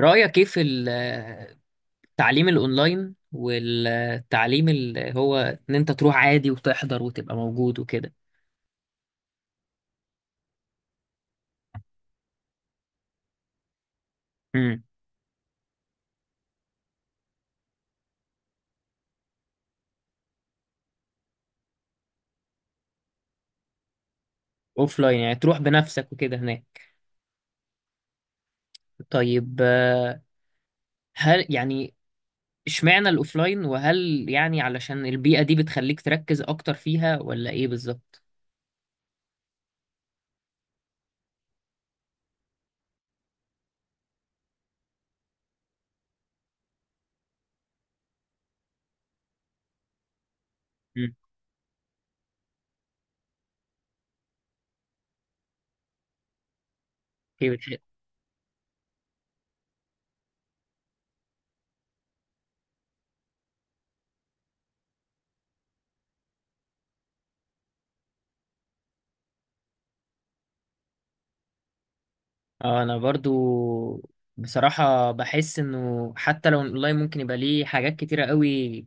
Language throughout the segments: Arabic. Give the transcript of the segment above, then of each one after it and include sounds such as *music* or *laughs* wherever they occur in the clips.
رأيك ايه في التعليم الاونلاين، والتعليم اللي هو ان انت تروح عادي وتحضر وتبقى موجود وكده. امم. اوفلاين يعني تروح بنفسك وكده هناك. طيب. هل يعني، اشمعنى الاوفلاين؟ وهل يعني علشان البيئة دي بتخليك تركز اكتر فيها ولا ايه بالظبط؟ امم. ايه بتحب؟ اه، انا برضو بصراحة بحس انه حتى لو الاونلاين ممكن يبقى ليه حاجات كتيرة قوي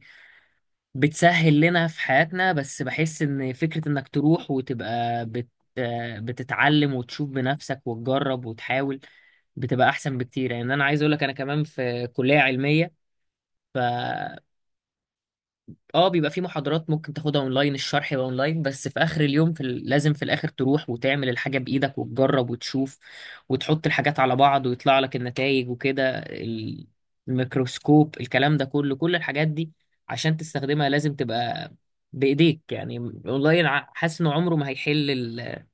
بتسهل لنا في حياتنا، بس بحس ان فكرة انك تروح وتبقى بتتعلم وتشوف بنفسك وتجرب وتحاول بتبقى احسن بكتير. يعني انا عايز اقولك، انا كمان في كلية علمية. اه، بيبقى في محاضرات ممكن تاخدها اونلاين، الشرح يبقى اونلاين، بس في اخر اليوم لازم في الاخر تروح وتعمل الحاجة بايدك وتجرب وتشوف وتحط الحاجات على بعض ويطلع لك النتائج وكده. الميكروسكوب، الكلام ده كله، كل الحاجات دي عشان تستخدمها لازم تبقى بايديك يعني. اونلاين، حاسس انه عمره ما هيحل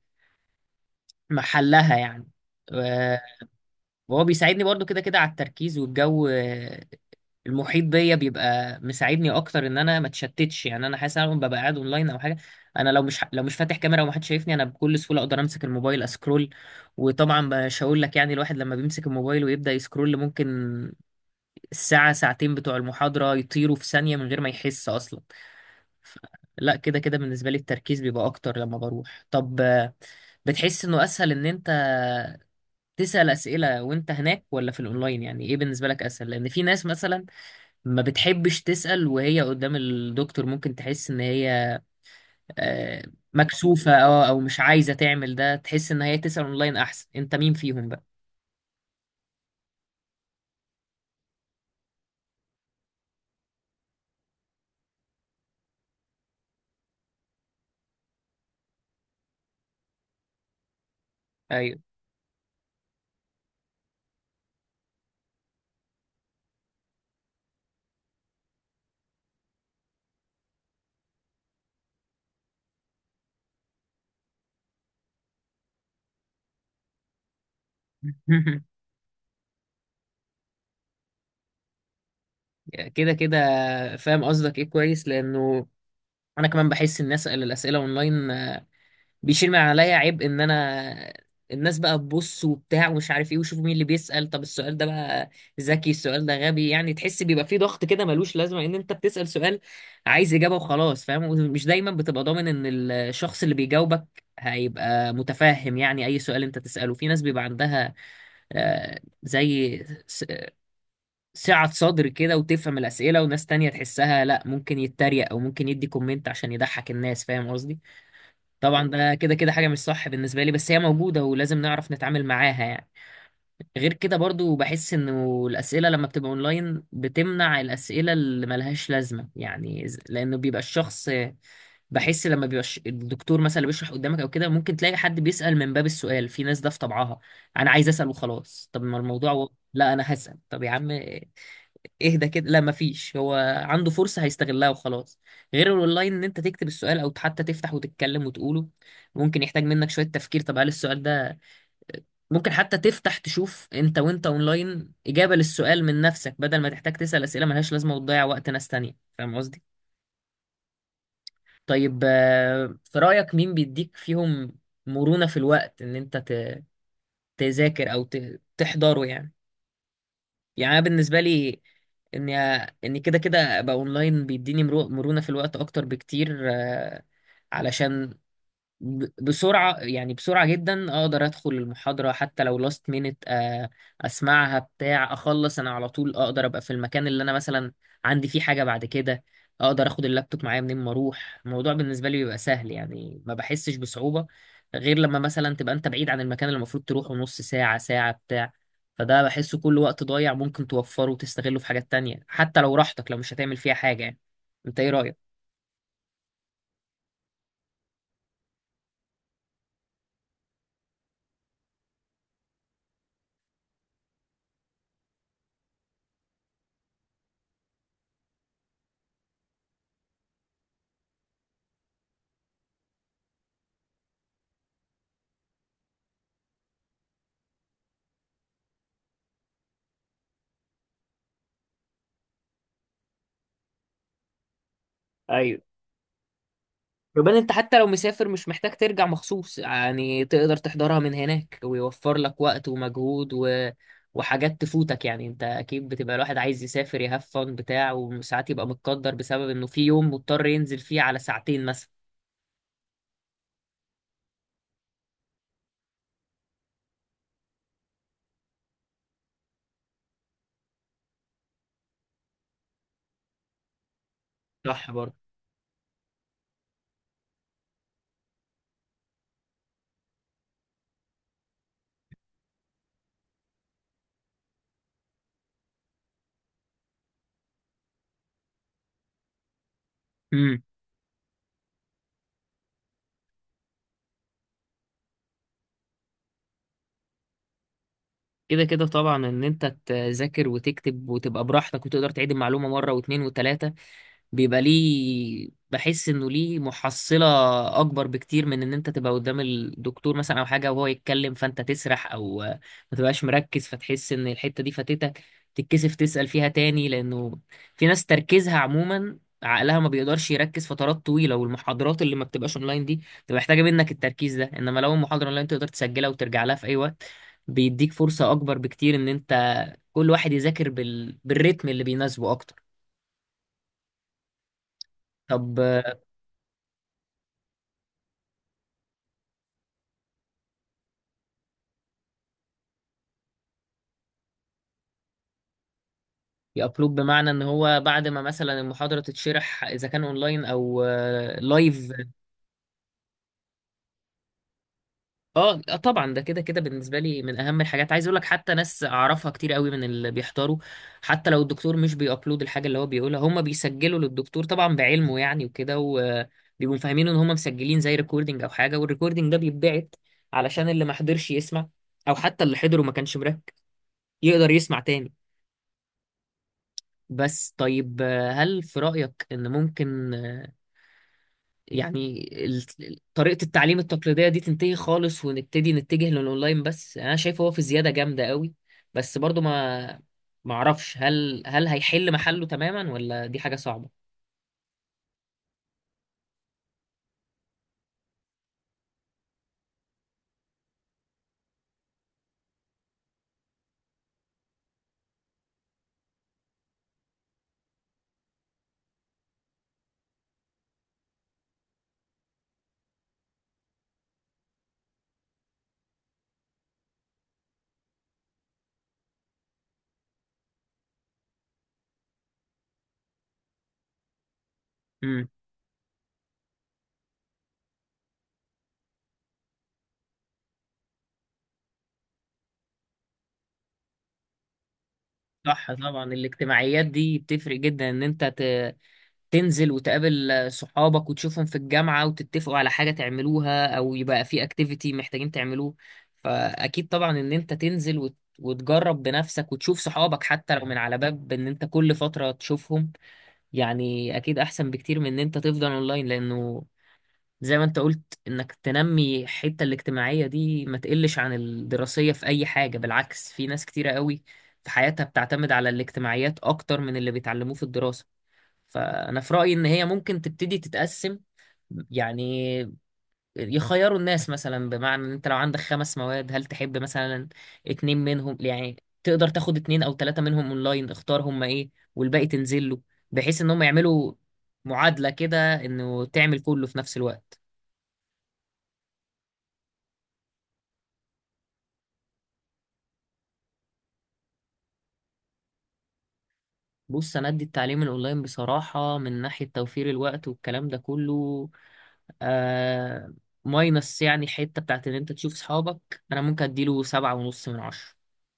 محلها يعني. و- وهو بيساعدني برضو كده كده على التركيز، والجو المحيط بيا بيبقى مساعدني اكتر ان انا ما اتشتتش. يعني انا حاسس ان انا ببقى قاعد اونلاين او حاجه، انا لو مش فاتح كاميرا ومحدش شايفني انا بكل سهوله اقدر امسك الموبايل اسكرول. وطبعا مش هقول لك يعني، الواحد لما بيمسك الموبايل ويبدا يسكرول ممكن الساعه ساعتين بتوع المحاضره يطيروا في ثانيه من غير ما يحس اصلا. ف- لا، كده كده بالنسبه لي التركيز بيبقى اكتر لما بروح. طب، بتحس انه اسهل ان انت تسأل أسئلة وانت هناك ولا في الاونلاين؟ يعني ايه بالنسبة لك اسهل؟ لان في ناس مثلا ما بتحبش تسأل وهي قدام الدكتور، ممكن تحس ان هي آه، مكسوفة، اه، او مش عايزة تعمل ده، تحس ان هي تسأل اونلاين احسن. انت مين فيهم بقى؟ ايوه. *laughs* كده كده فاهم قصدك ايه، كويس. لانه انا كمان بحس ان اسأل الاسئلة اونلاين بيشيل من عليا عيب، ان انا الناس بقى تبص وبتاع ومش عارف ايه، وشوفوا مين اللي بيسأل، طب السؤال ده بقى ذكي، السؤال ده غبي. يعني تحس بيبقى فيه ضغط كده ملوش لازمة، ان انت بتسأل سؤال عايز إجابة وخلاص فاهم. ومش دايما بتبقى ضامن ان الشخص اللي بيجاوبك هيبقى متفاهم، يعني اي سؤال انت تسأله في ناس بيبقى عندها زي س- سعة صدر كده وتفهم الأسئلة، وناس تانية تحسها لا، ممكن يتريق او ممكن يدي كومنت عشان يضحك الناس، فاهم قصدي. طبعا ده كده كده حاجة مش صح بالنسبة لي، بس هي موجودة ولازم نعرف نتعامل معاها يعني. غير كده برضو بحس انه الأسئلة لما بتبقى اونلاين بتمنع الأسئلة اللي ملهاش لازمة، يعني لأنه بيبقى الشخص بحس لما بيبقى الدكتور مثلا اللي بيشرح قدامك أو كده، ممكن تلاقي حد بيسأل من باب السؤال، في ناس ده في طبعها أنا عايز أسأل وخلاص، طب ما الموضوع لا أنا هسأل. طب يا عم اهدى كده، لا مفيش، هو عنده فرصة هيستغلها وخلاص. غير الاونلاين ان انت تكتب السؤال او حتى تفتح وتتكلم وتقوله ممكن يحتاج منك شوية تفكير، طب هل السؤال ده ممكن حتى تفتح تشوف انت وانت اونلاين اجابة للسؤال من نفسك بدل ما تحتاج تسأل اسئلة ملهاش لازمة وتضيع وقت ناس تانية، فاهم قصدي. طيب، في رأيك مين بيديك فيهم مرونة في الوقت ان انت تذاكر او تحضره يعني؟ يعني انا بالنسبه لي اني اني كده كده ابقى اونلاين بيديني مرونه في الوقت اكتر بكتير. علشان بسرعة يعني، بسرعة جدا أقدر أدخل المحاضرة حتى لو لاست مينت. أسمعها بتاع أخلص أنا على طول أقدر أبقى في المكان اللي أنا مثلا عندي فيه حاجة بعد كده. أقدر أخد اللابتوب معايا منين ما أروح، الموضوع بالنسبة لي بيبقى سهل يعني، ما بحسش بصعوبة. غير لما مثلا تبقى أنت بعيد عن المكان اللي المفروض تروحه نص ساعة ساعة بتاع. فده بحسه كل وقت ضايع ممكن توفره وتستغله في حاجات تانية، حتى لو راحتك، لو مش هتعمل فيها حاجة يعني. أنت إيه رأيك؟ يبقى انت حتى لو مسافر مش محتاج ترجع مخصوص، يعني تقدر تحضرها من هناك ويوفر لك وقت ومجهود وحاجات تفوتك، يعني انت اكيد بتبقى الواحد عايز يسافر يهاف فن بتاع، وساعات يبقى متقدر بسبب انه في يوم مضطر ينزل فيه على ساعتين مثلا. صح برضه. امم. كده كده طبعا، ان انت تذاكر وتكتب وتبقى براحتك وتقدر تعيد المعلومة مرة واثنين وثلاثة بيبقى ليه، بحس انه ليه محصلة اكبر بكتير من ان انت تبقى قدام الدكتور مثلا او حاجة وهو يتكلم فانت تسرح او ما تبقاش مركز، فتحس ان الحتة دي فاتتك، تتكسف تسأل فيها تاني، لانه في ناس تركيزها عموما عقلها ما بيقدرش يركز فترات طويلة، والمحاضرات اللي ما بتبقاش اونلاين دي بتبقى محتاجة منك التركيز ده. انما لو المحاضرة اونلاين تقدر تسجلها وترجع لها في اي وقت، بيديك فرصة اكبر بكتير ان انت كل واحد يذاكر بالريتم اللي بيناسبه اكتر. طب، يابلود بمعنى ان هو بعد ما مثلا المحاضره تتشرح اذا كان اونلاين او لايف. اه، طبعا ده كده كده بالنسبه لي من اهم الحاجات. عايز اقول لك حتى ناس اعرفها كتير قوي من اللي بيحضروا، حتى لو الدكتور مش بيابلود الحاجه اللي هو بيقولها هم بيسجلوا للدكتور طبعا بعلمه يعني وكده، وبيبقوا فاهمين ان هم مسجلين زي ريكوردنج او حاجه، والريكوردنج ده بيتبعت علشان اللي ما حضرش يسمع، او حتى اللي حضره ما كانش مركز يقدر يسمع تاني. بس، طيب، هل في رايك ان ممكن يعني طريقة التعليم التقليدية دي تنتهي خالص ونبتدي نتجه للأونلاين بس؟ يعني أنا شايفه هو في زيادة جامدة قوي، بس برضو ما أعرفش هل هيحل محله تماما ولا دي حاجة صعبة. امم. صح طبعا، الاجتماعيات دي بتفرق جدا، إن أنت تنزل وتقابل صحابك وتشوفهم في الجامعة وتتفقوا على حاجة تعملوها، أو يبقى في اكتيفيتي محتاجين تعملوه. فأكيد طبعا إن أنت تنزل وتجرب بنفسك وتشوف صحابك حتى لو من على باب إن أنت كل فترة تشوفهم، يعني أكيد أحسن بكتير من إن أنت تفضل أونلاين. لأنه زي ما أنت قلت إنك تنمي الحتة الاجتماعية دي، ما تقلش عن الدراسية في أي حاجة، بالعكس في ناس كتيرة قوي في حياتها بتعتمد على الاجتماعيات أكتر من اللي بيتعلموه في الدراسة. فأنا في رأيي إن هي ممكن تبتدي تتقسم، يعني يخيروا الناس مثلا، بمعنى إن أنت لو عندك 5 مواد هل تحب مثلا 2 منهم يعني؟ تقدر تاخد 2 أو 3 منهم أونلاين، اختار هما إيه، والباقي تنزل له، بحيث إن هم يعملوا معادلة كده، إنه تعمل كله في نفس الوقت. بص، أنا أدي التعليم الأونلاين بصراحة من ناحية توفير الوقت والكلام ده كله آه ماينس يعني حتة بتاعت إن أنت تشوف صحابك، أنا ممكن أديله 7.5 من 10.